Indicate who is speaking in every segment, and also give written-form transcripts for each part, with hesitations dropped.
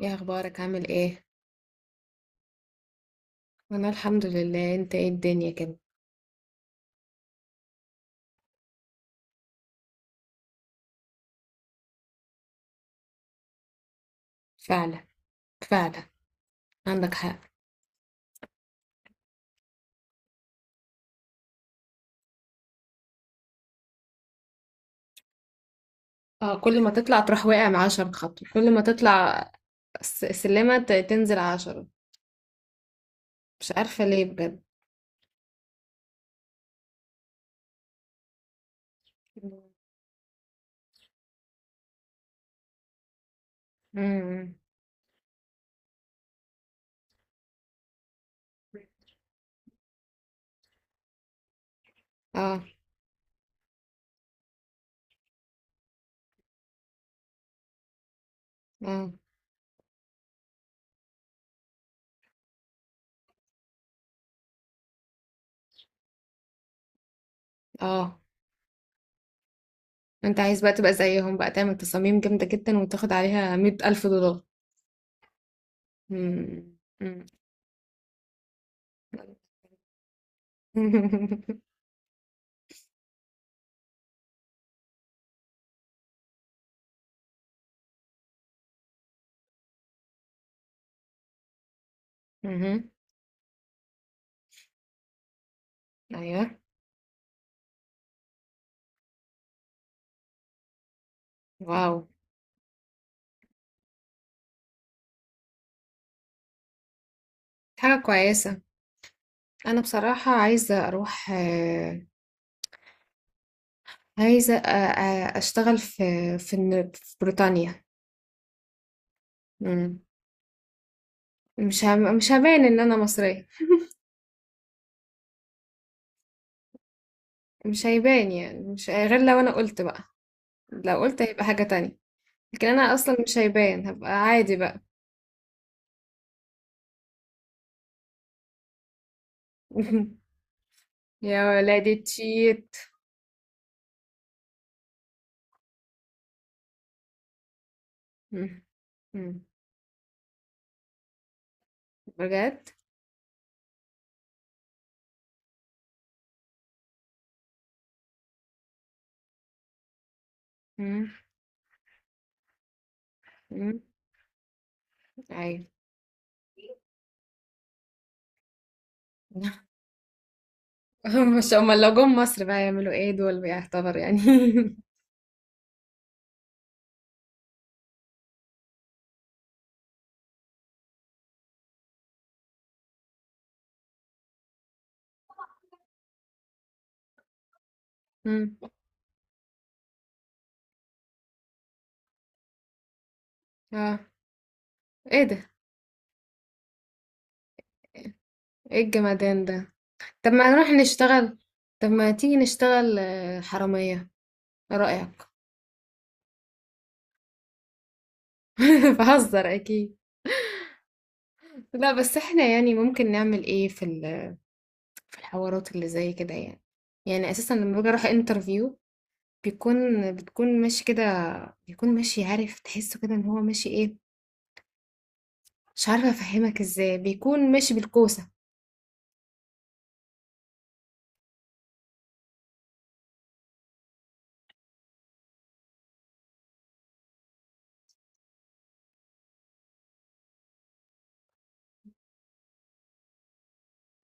Speaker 1: ايه اخبارك؟ عامل ايه؟ انا الحمد لله. انت ايه الدنيا كده؟ فعلا فعلا. عندك حق. اه، كل ما تطلع تروح واقع مع 10 خطوة. كل ما تطلع سلمة تنزل 10. مش عارفة ليه بجد. امم. اه. اه. اه. انت عايز بقى تبقى زيهم بقى، تعمل تصاميم جامدة جدا وتاخد عليها 100 ألف دولار. امم. مهم. ايوه. واو. حاجة كويسة. انا بصراحة عايزة اروح آه. عايزة أشتغل في في بريطانيا. مم. مش هبان إن أنا مصرية. مش هيبان يعني، مش غير لو أنا قلت بقى. لو قلت هيبقى حاجة تانية. لكن أنا أصلا مش هيبان، هبقى عادي بقى. يا ولادي تشيت. مم. مم. بجد؟ مم. مم. أيوة. مش هما لو جم مصر بقى يعملوا ايه؟ دول بيعتبر يعني. مم. اه. ايه ده؟ ايه الجمدان ده؟ طب ما نروح نشتغل. طب ما تيجي نشتغل آه، حرامية. ايه رأيك؟ بهزر اكيد. لا بس احنا يعني ممكن نعمل ايه في في الحوارات اللي زي كده يعني؟ يعني اساسا لما باجي اروح انترفيو بتكون ماشي كده. بيكون ماشي، عارف، تحسه كده ان هو ماشي ايه. مش عارفة افهمك ازاي، بيكون ماشي بالكوسة.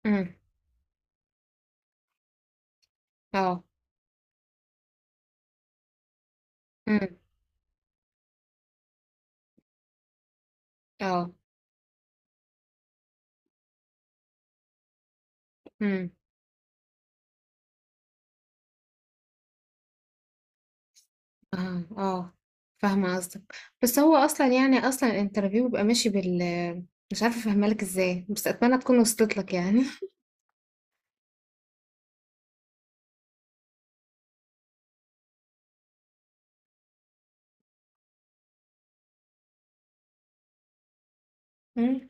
Speaker 1: امم. اه. امم. اه. آه، آه، فاهمة قصدك. بس هو أصلًا يعني أصلًا الinterview بيبقى ماشي بال، مش عارفة أفهمها لك إزاي، بس أتمنى تكون وصلت لك يعني. إمم.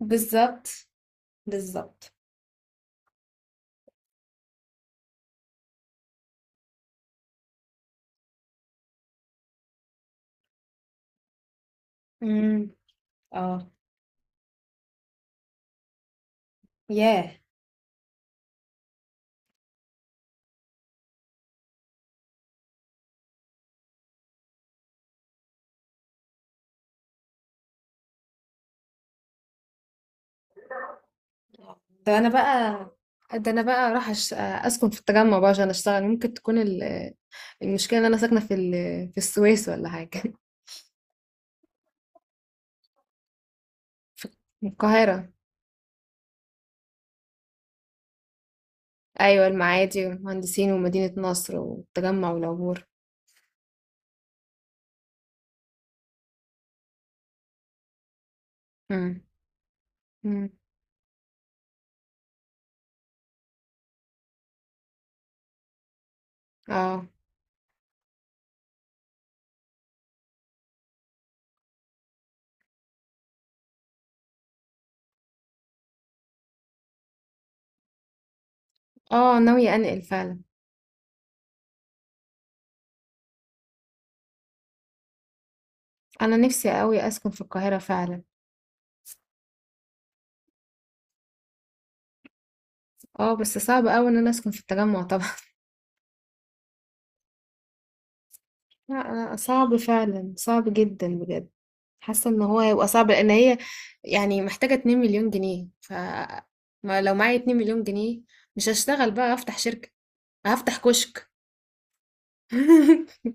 Speaker 1: بالضبط، بالضبط. إمم. آه. ياه! ده أنا بقى، ده أنا بقى أروح أش أسكن في التجمع بقى عشان أشتغل. ممكن تكون ال، المشكلة إن أنا ساكنة في ال، في السويس والّا حاجة، من القاهرة. أيوه، المعادي والمهندسين ومدينة نصر والتجمع والعبور. إمم. إمم. آه. آه. ناوية أنقل فعلًا. انا نفسي قوي اسكن في القاهره فعلا. اه بس صعب قوي ان انا اسكن في التجمع طبعا. لا أنا صعب فعلا، صعب جدا بجد. حاسه ان هو هيبقى صعب لان هي يعني محتاجه 2 مليون جنيه. ف ما لو معايا 2 مليون جنيه مش هشتغل بقى، افتح شركه. هفتح كشك.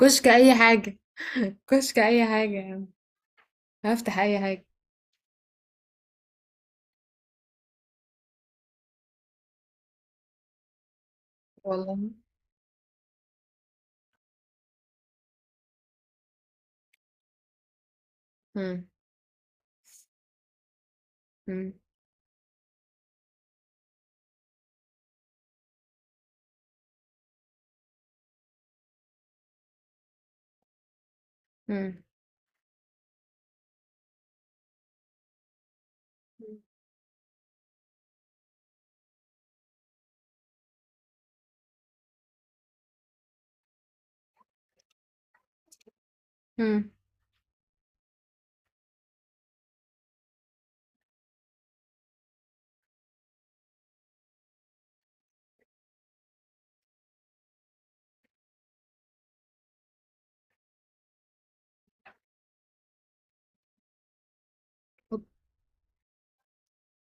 Speaker 1: كشك اي حاجه. كشك اي حاجه يعني. هفتح اي حاجه. والله. امم امم. امم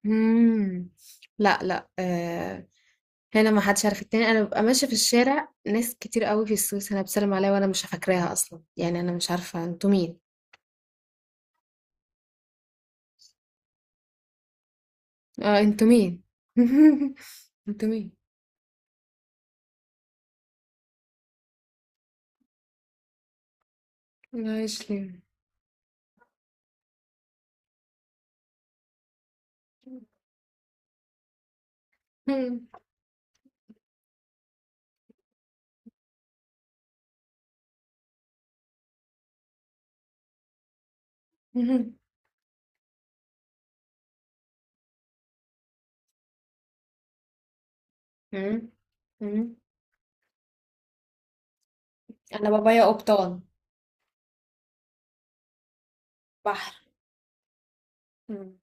Speaker 1: امم لا آه، لا ما حدش عارف التاني. انا ببقى ماشيه في الشارع ناس كتير قوي في السويس انا بسلم عليها وانا مش فاكراها اصلا، يعني انا مش عارفه انتوا مين. اه، انتوا مين؟ انتوا مين؟ عايش ليه؟ مم. مم. مم. مم. انا بابايا قبطان. بحر. مم.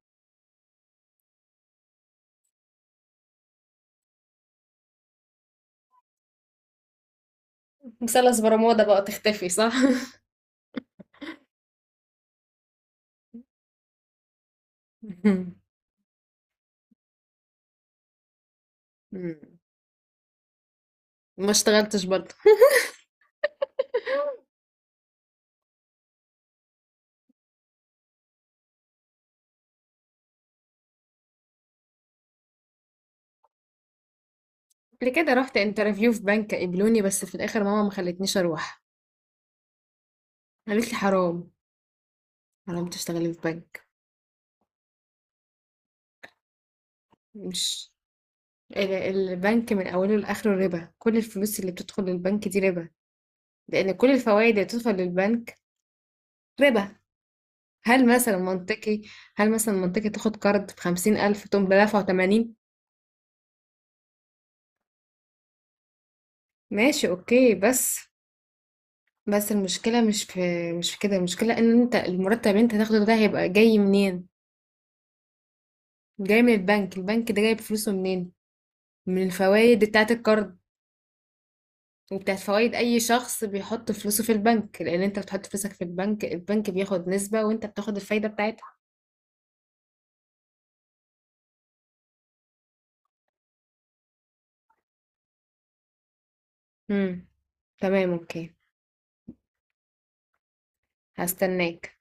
Speaker 1: مثلث برمودا بقى تختفي صح؟ مم. ما اشتغلتش برضه. قبل كده رحت انترفيو في بنك، قبلوني بس في الاخر ماما ما خلتنيش اروح. قالت لي حرام. حرام تشتغلي في بنك. مش البنك من أوله لآخره ربا؟ كل الفلوس اللي بتدخل للبنك دي ربا. لأن كل الفوائد اللي بتدخل للبنك ربا. هل مثلا منطقي، هل مثلا منطقي تاخد قرض بخمسين ألف تقوم بدافعه 80؟ ماشي أوكي. بس، بس المشكلة مش في، مش في كده. المشكلة إن أنت المرتب اللي أنت هتاخده ده هيبقى جاي منين؟ جاي من البنك. البنك ده جايب فلوسه منين؟ من الفوائد بتاعة القرض وبتاعت فوائد اي شخص بيحط فلوسه في البنك. لان انت بتحط فلوسك في البنك، البنك بياخد نسبة وانت بتاخد الفايدة بتاعتها. امم. تمام اوكي. هستناك.